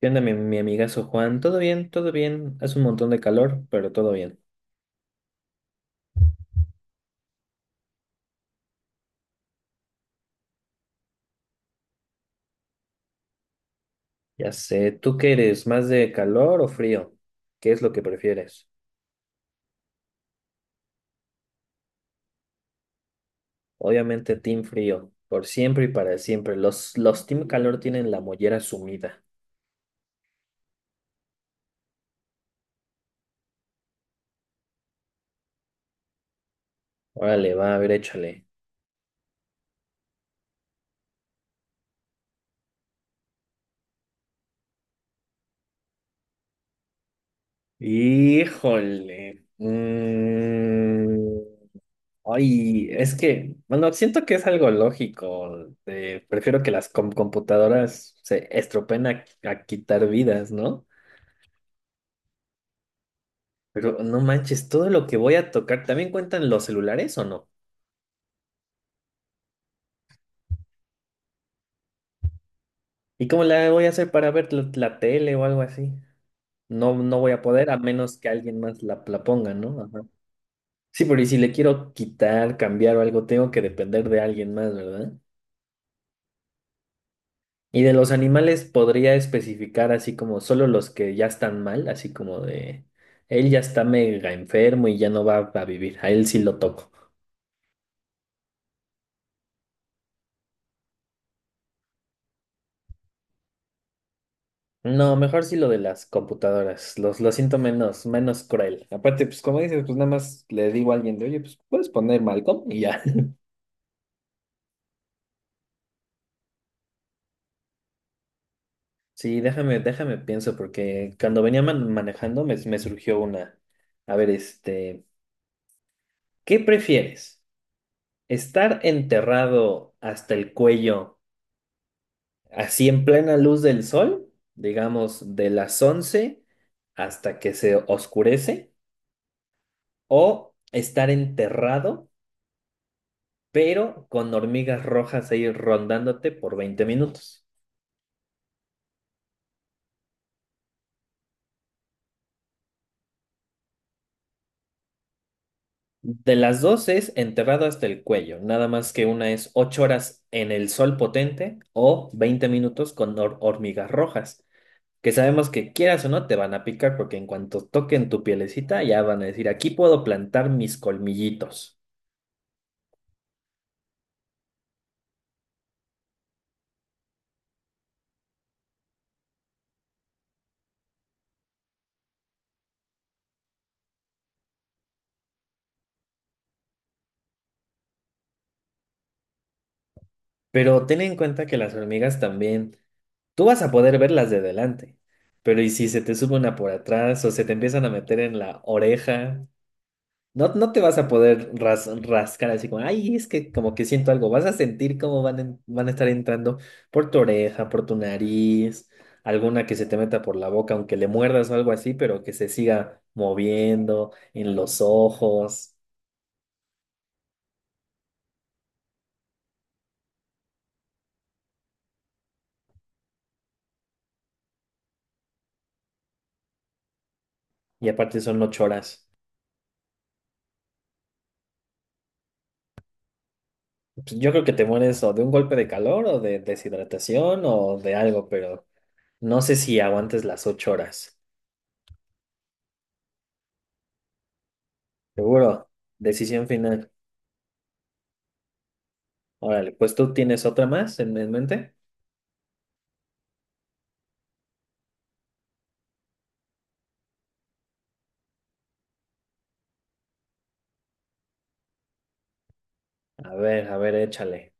¿Qué onda, mi amigazo Juan? ¿Todo bien? ¿Todo bien? Hace un montón de calor, pero todo bien. Ya sé, ¿tú qué eres? ¿Más de calor o frío? ¿Qué es lo que prefieres? Obviamente, team frío, por siempre y para siempre. Los team calor tienen la mollera sumida. Órale, va, a ver, échale. Híjole. Ay, es que, bueno, siento que es algo lógico. Prefiero que las computadoras se estropen a quitar vidas, ¿no? Pero no manches, todo lo que voy a tocar, ¿también cuentan los celulares o no? ¿Y cómo la voy a hacer para ver la tele o algo así? No, no voy a poder a menos que alguien más la ponga, ¿no? Ajá. Sí, pero y si le quiero quitar, cambiar o algo, tengo que depender de alguien más, ¿verdad? Y de los animales podría especificar así como solo los que ya están mal, así como de él ya está mega enfermo y ya no va a vivir, a él sí lo toco. No, mejor sí lo de las computadoras. Los, lo siento menos, menos cruel. Aparte, pues como dices, pues nada más le digo a alguien de, oye, pues puedes poner Malcolm y ya. Sí, déjame pienso, porque cuando venía manejando me surgió una. A ver, este, ¿qué prefieres? ¿Estar enterrado hasta el cuello, así en plena luz del sol, digamos de las 11 hasta que se oscurece, o estar enterrado, pero con hormigas rojas ahí rondándote por 20 minutos? De las dos es enterrado hasta el cuello, nada más que una es 8 horas en el sol potente o 20 minutos con hormigas rojas, que sabemos que quieras o no te van a picar porque en cuanto toquen tu pielecita ya van a decir, aquí puedo plantar mis colmillitos. Pero ten en cuenta que las hormigas también, tú vas a poder verlas de delante, pero ¿y si se te sube una por atrás o se te empiezan a meter en la oreja? No, no te vas a poder rascar así como, ay, es que como que siento algo. Vas a sentir cómo van, van a estar entrando por tu oreja, por tu nariz, alguna que se te meta por la boca, aunque le muerdas o algo así, pero que se siga moviendo en los ojos. Y aparte son 8 horas. Pues yo creo que te mueres o de un golpe de calor o de deshidratación o de algo, pero no sé si aguantes las 8 horas. Seguro. Decisión final. Órale, pues tú tienes otra más en mente. A ver, échale.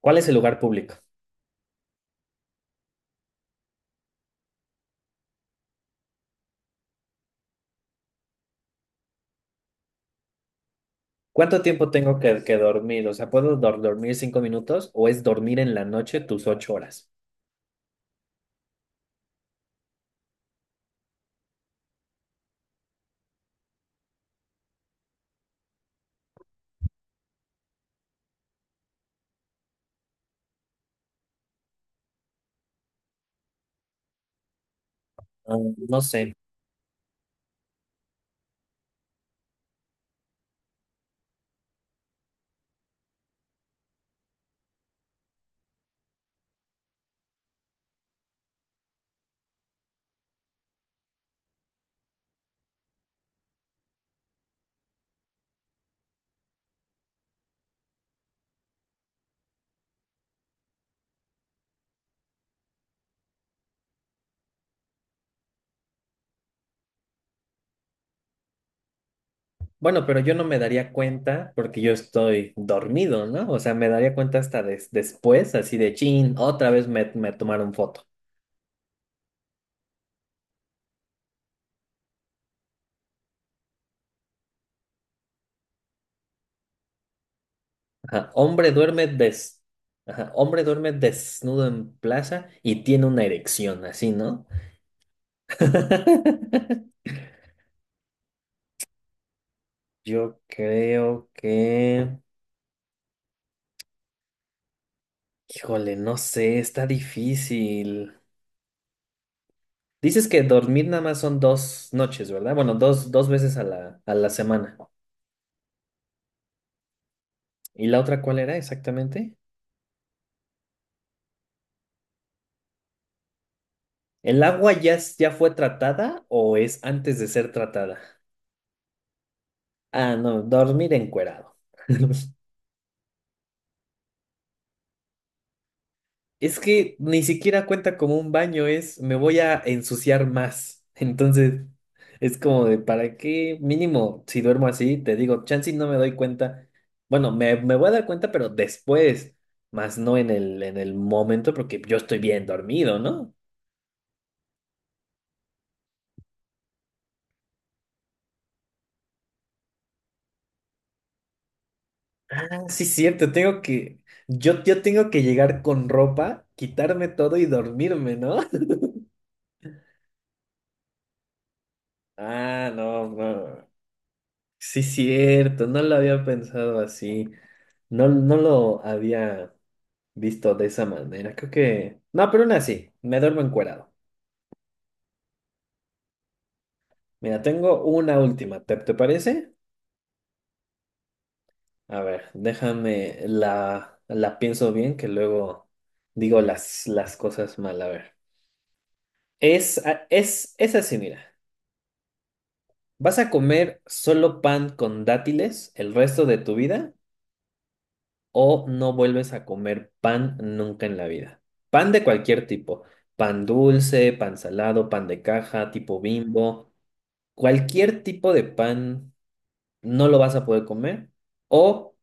¿Cuál es el lugar público? ¿Cuánto tiempo tengo que dormir? O sea, ¿puedo dormir 5 minutos o es dormir en la noche tus 8 horas? Ah, no sé. Bueno, pero yo no me daría cuenta porque yo estoy dormido, ¿no? O sea, me daría cuenta hasta después, así de chin, otra vez me tomaron foto. Ajá. Hombre duerme des Ajá. Hombre duerme desnudo en plaza y tiene una erección, así, ¿no? Yo creo que… Híjole, no sé, está difícil. Dices que dormir nada más son dos noches, ¿verdad? Bueno, dos veces a la semana. ¿Y la otra cuál era exactamente? ¿El agua ya, ya fue tratada o es antes de ser tratada? Ah, no, dormir encuerado. Es que ni siquiera cuenta como un baño, es me voy a ensuciar más. Entonces, es como de, ¿para qué? Mínimo, si duermo así, te digo, chance y no me doy cuenta. Bueno, me voy a dar cuenta, pero después, más no en el, en el momento, porque yo estoy bien dormido, ¿no? Ah, sí, cierto, tengo que, yo tengo que llegar con ropa, quitarme todo y dormirme, ¿no? Ah, no, no. Sí, cierto, no lo había pensado así. No, no lo había visto de esa manera. Creo que… No, pero aún así, me duermo encuerado. Mira, tengo una última. ¿Te parece? A ver, déjame la pienso bien que luego digo las cosas mal. A ver. Es, es así, mira. ¿Vas a comer solo pan con dátiles el resto de tu vida? ¿O no vuelves a comer pan nunca en la vida? Pan de cualquier tipo, pan dulce, pan salado, pan de caja, tipo Bimbo, cualquier tipo de pan no lo vas a poder comer, o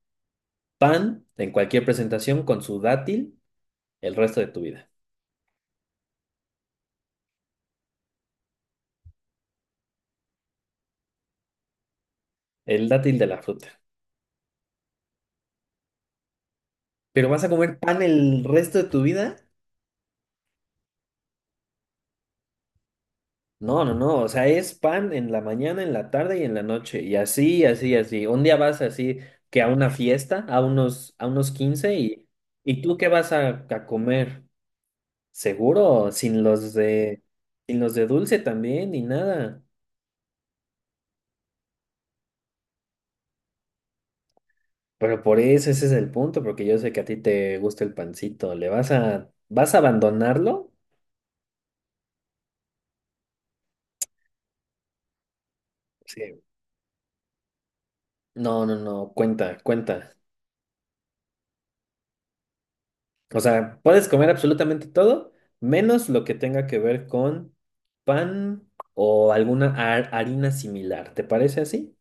pan en cualquier presentación con su dátil el resto de tu vida, el dátil de la fruta. Pero vas a comer pan el resto de tu vida. No, no, no, o sea, es pan en la mañana, en la tarde y en la noche, y así, así, así. Un día vas así que a una fiesta, a unos 15 ¿y tú qué vas a comer? Seguro, sin los de, sin los de dulce también, ni nada. Pero por eso ese es el punto, porque yo sé que a ti te gusta el pancito. ¿Le vas a, vas a abandonarlo? Sí. No, no, no, cuenta, cuenta. O sea, puedes comer absolutamente todo, menos lo que tenga que ver con pan o alguna harina similar. ¿Te parece así?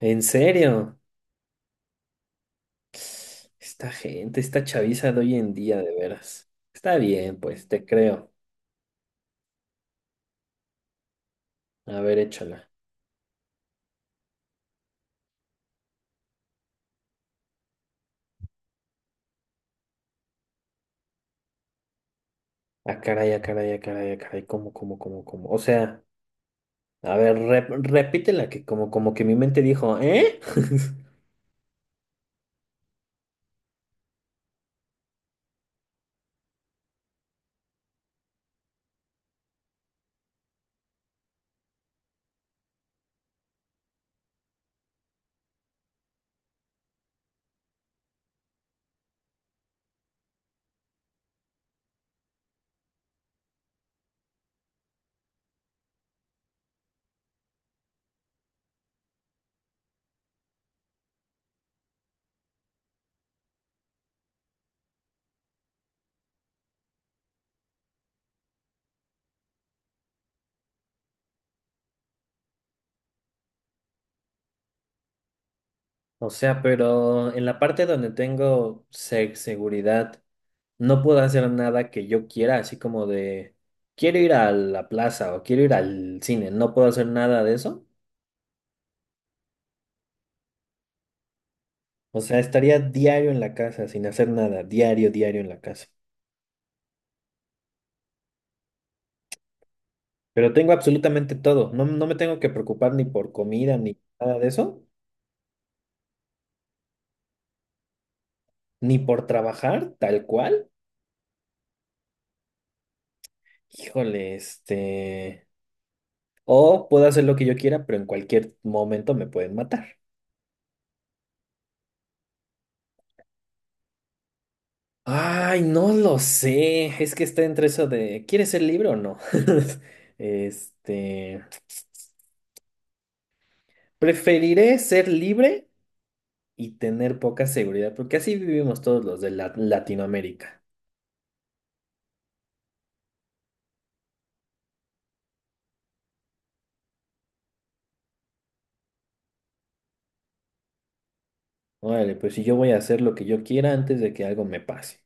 ¿En serio? Esta gente, esta chaviza de hoy en día, de veras. Está bien, pues, te creo. A ver, échala. Ah, caray, ah, caray, ah, caray, ah, caray, ¿cómo, cómo, cómo, cómo? O sea, a ver, repítela, que como, como que mi mente dijo, ¿eh? O sea, pero en la parte donde tengo seguridad no puedo hacer nada que yo quiera, así como de, quiero ir a la plaza o quiero ir al cine, no puedo hacer nada de eso. O sea, estaría diario en la casa sin hacer nada, diario, diario en la casa. Pero tengo absolutamente todo, no, no me tengo que preocupar ni por comida, ni nada de eso, ni por trabajar tal cual. Híjole, este… O puedo hacer lo que yo quiera, pero en cualquier momento me pueden matar. Ay, no lo sé. Es que está entre eso de, ¿quieres ser libre o no? Este, preferiré ser libre y tener poca seguridad, porque así vivimos todos los de Latinoamérica. Órale, pues si yo voy a hacer lo que yo quiera antes de que algo me pase.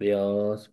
Dios.